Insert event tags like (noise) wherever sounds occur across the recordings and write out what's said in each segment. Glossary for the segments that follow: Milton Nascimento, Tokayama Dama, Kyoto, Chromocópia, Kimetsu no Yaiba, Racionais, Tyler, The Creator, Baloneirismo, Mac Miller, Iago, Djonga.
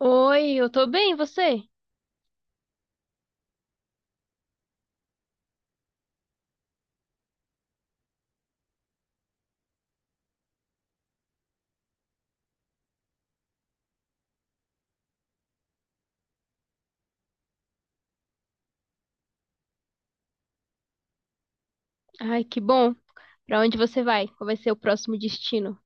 Oi, eu tô bem, e você? Ai, que bom. Pra onde você vai? Qual vai ser o próximo destino?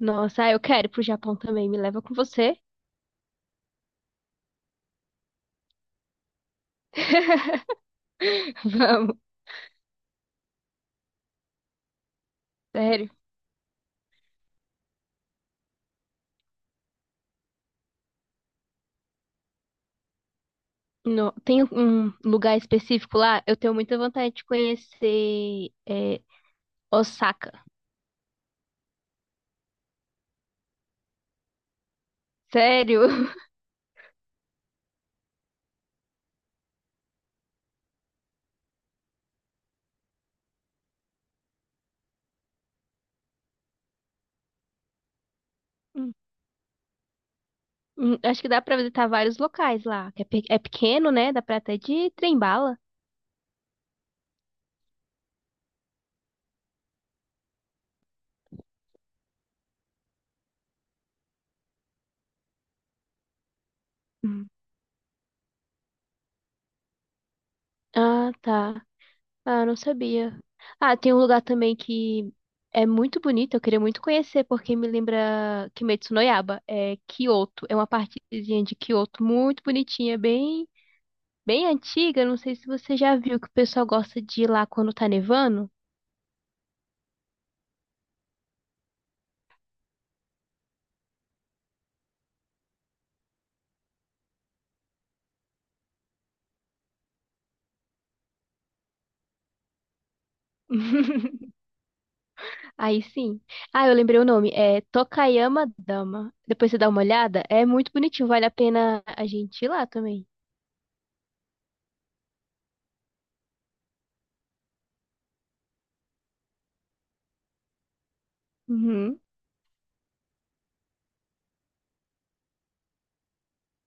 Nossa, ah, eu quero ir pro Japão também. Me leva com você. (laughs) Vamos, sério. Não, tem um lugar específico lá? Eu tenho muita vontade de conhecer Osaka. Sério? (laughs) Hum, acho que dá pra visitar vários locais lá. Que É é pequeno, né? Dá pra até de trem bala. Hum. Ah, tá. Ah, eu não sabia. Ah, tem um lugar também que é muito bonito, eu queria muito conhecer, porque me lembra Kimetsu no Yaiba, é Kyoto. É uma partezinha de Kyoto muito bonitinha, bem antiga. Não sei se você já viu que o pessoal gosta de ir lá quando tá nevando. (laughs) Aí sim. Ah, eu lembrei o nome. É Tokayama Dama. Depois você dá uma olhada. É muito bonitinho. Vale a pena a gente ir lá também. Uhum.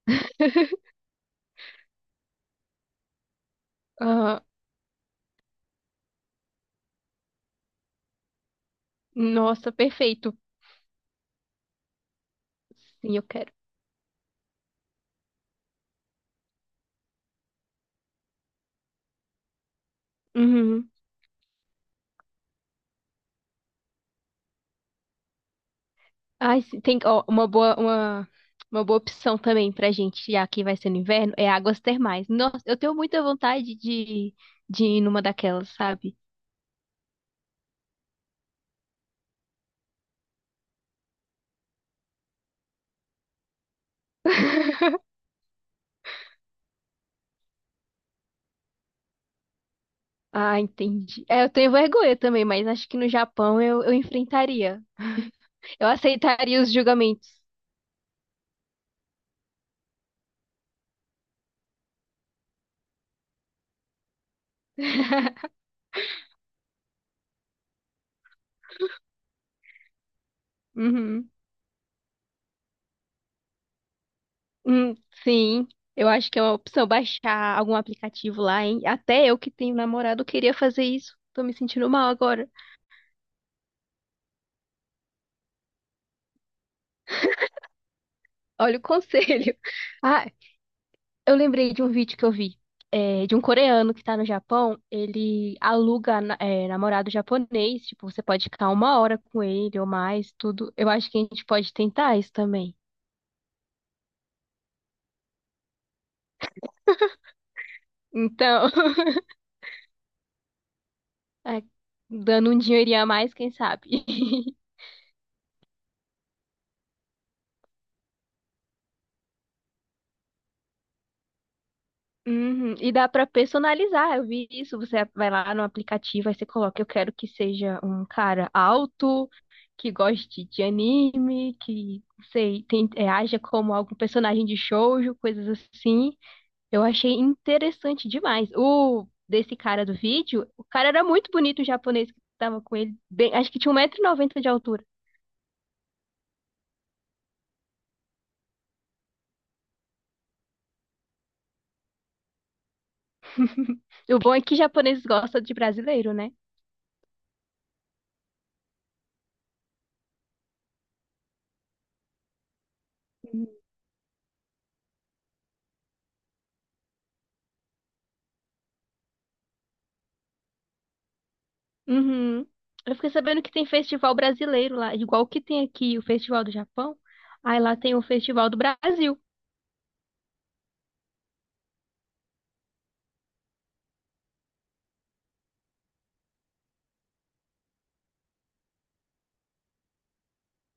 (laughs) Ah, nossa, perfeito. Sim, eu quero. Uhum. Ai, tem ó, uma boa opção também pra gente, já que vai ser no inverno, é águas termais. Nossa, eu tenho muita vontade de ir numa daquelas, sabe? (laughs) Ah, entendi. É, eu tenho vergonha também, mas acho que no Japão eu enfrentaria. Eu aceitaria os julgamentos. (laughs) Uhum. Hum, sim, eu acho que é uma opção baixar algum aplicativo lá, hein? Até eu que tenho namorado queria fazer isso. Tô me sentindo mal agora. Olha o conselho. (laughs) Ah, eu lembrei de um vídeo que eu vi, de um coreano que tá no Japão. Ele aluga, namorado japonês. Tipo, você pode ficar uma hora com ele ou mais, tudo. Eu acho que a gente pode tentar isso também. Então, (laughs) é, dando um dinheirinho a mais, quem sabe? (laughs) Uhum, e dá pra personalizar. Eu vi isso. Você vai lá no aplicativo, aí você coloca: eu quero que seja um cara alto, que goste de anime, não sei, haja como algum personagem de shoujo, coisas assim. Eu achei interessante demais. O desse cara do vídeo, o cara era muito bonito, o japonês que tava com ele. Acho que tinha um 190 noventa de altura. (laughs) O bom é que japoneses gostam de brasileiro, né? Uhum. Eu fiquei sabendo que tem festival brasileiro lá, igual que tem aqui o Festival do Japão. Aí lá tem o Festival do Brasil.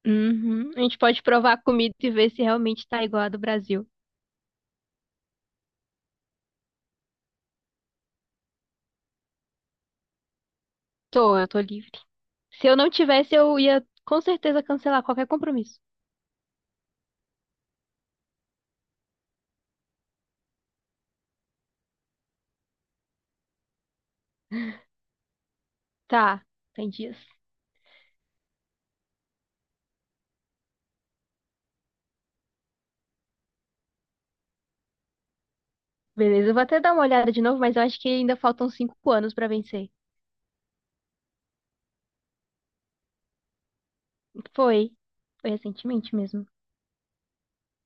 Uhum. A gente pode provar a comida e ver se realmente tá igual a do Brasil. Tô, eu tô livre. Se eu não tivesse, eu ia com certeza cancelar qualquer compromisso. Tá, tem dias. Beleza, eu vou até dar uma olhada de novo, mas eu acho que ainda faltam 5 anos pra vencer. Foi. Foi recentemente mesmo.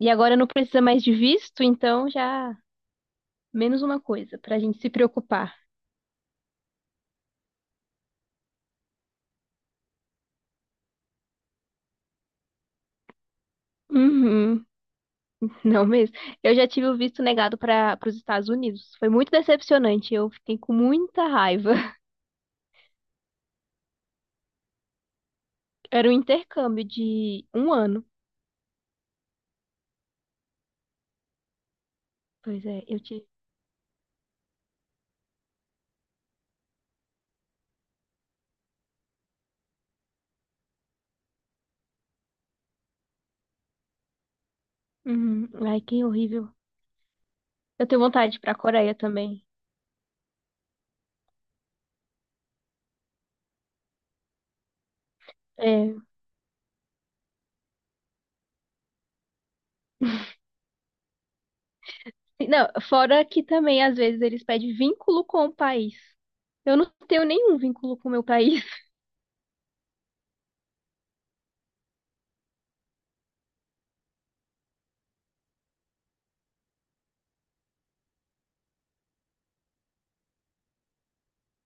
E agora não precisa mais de visto, então já menos uma coisa pra gente se preocupar. Uhum, não mesmo. Eu já tive o visto negado para os Estados Unidos. Foi muito decepcionante. Eu fiquei com muita raiva. (laughs) Era um intercâmbio de um ano. Pois é, eu tive. Uhum. Ai, que horrível. Eu tenho vontade de ir pra Coreia também. É. Não, fora que também às vezes eles pedem vínculo com o país. Eu não tenho nenhum vínculo com o meu país. (laughs)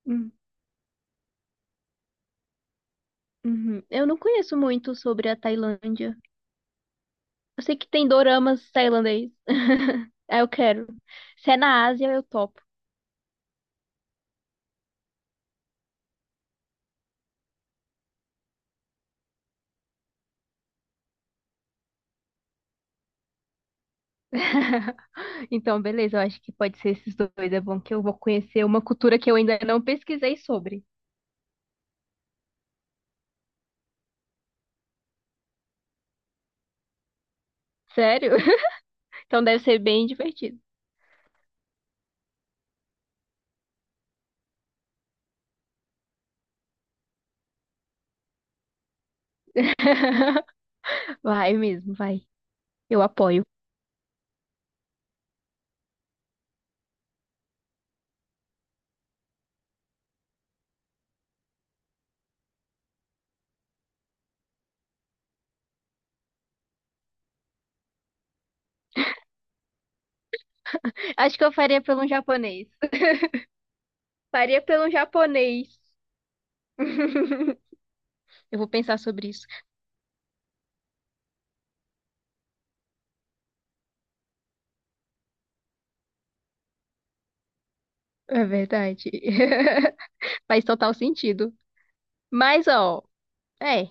Hum, uhum. Eu não conheço muito sobre a Tailândia. Eu sei que tem doramas tailandês. (laughs) Ah, eu quero. Se é na Ásia, eu topo. (laughs) Então, beleza, eu acho que pode ser esses dois. É bom que eu vou conhecer uma cultura que eu ainda não pesquisei sobre. Sério? (laughs) Então deve ser bem divertido. (laughs) Vai mesmo, vai. Eu apoio. Acho que eu faria pelo japonês. Faria pelo japonês. (laughs) Eu vou pensar sobre isso. É verdade. (laughs) Faz total sentido. Mas, ó, é.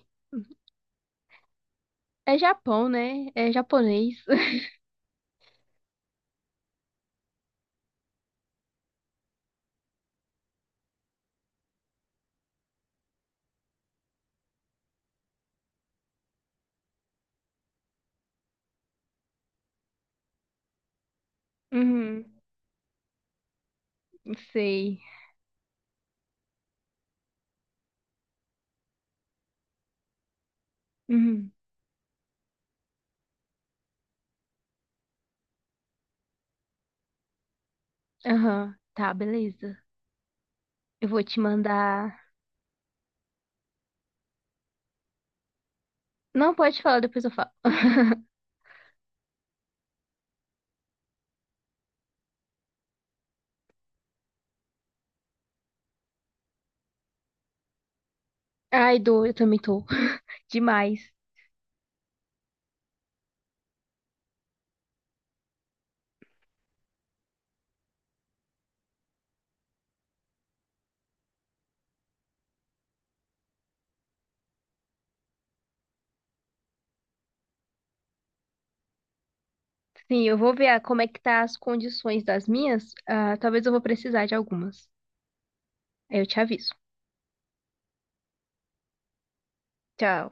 É Japão, né? É japonês. (laughs) Uhum, sei. Uhum, aham. Tá, beleza. Eu vou te mandar. Não pode falar, depois eu falo. (laughs) Ai, dor, eu também tô. (laughs) Demais. Sim, eu vou ver como é que tá as condições das minhas. Ah, talvez eu vou precisar de algumas. Aí eu te aviso. Tchau.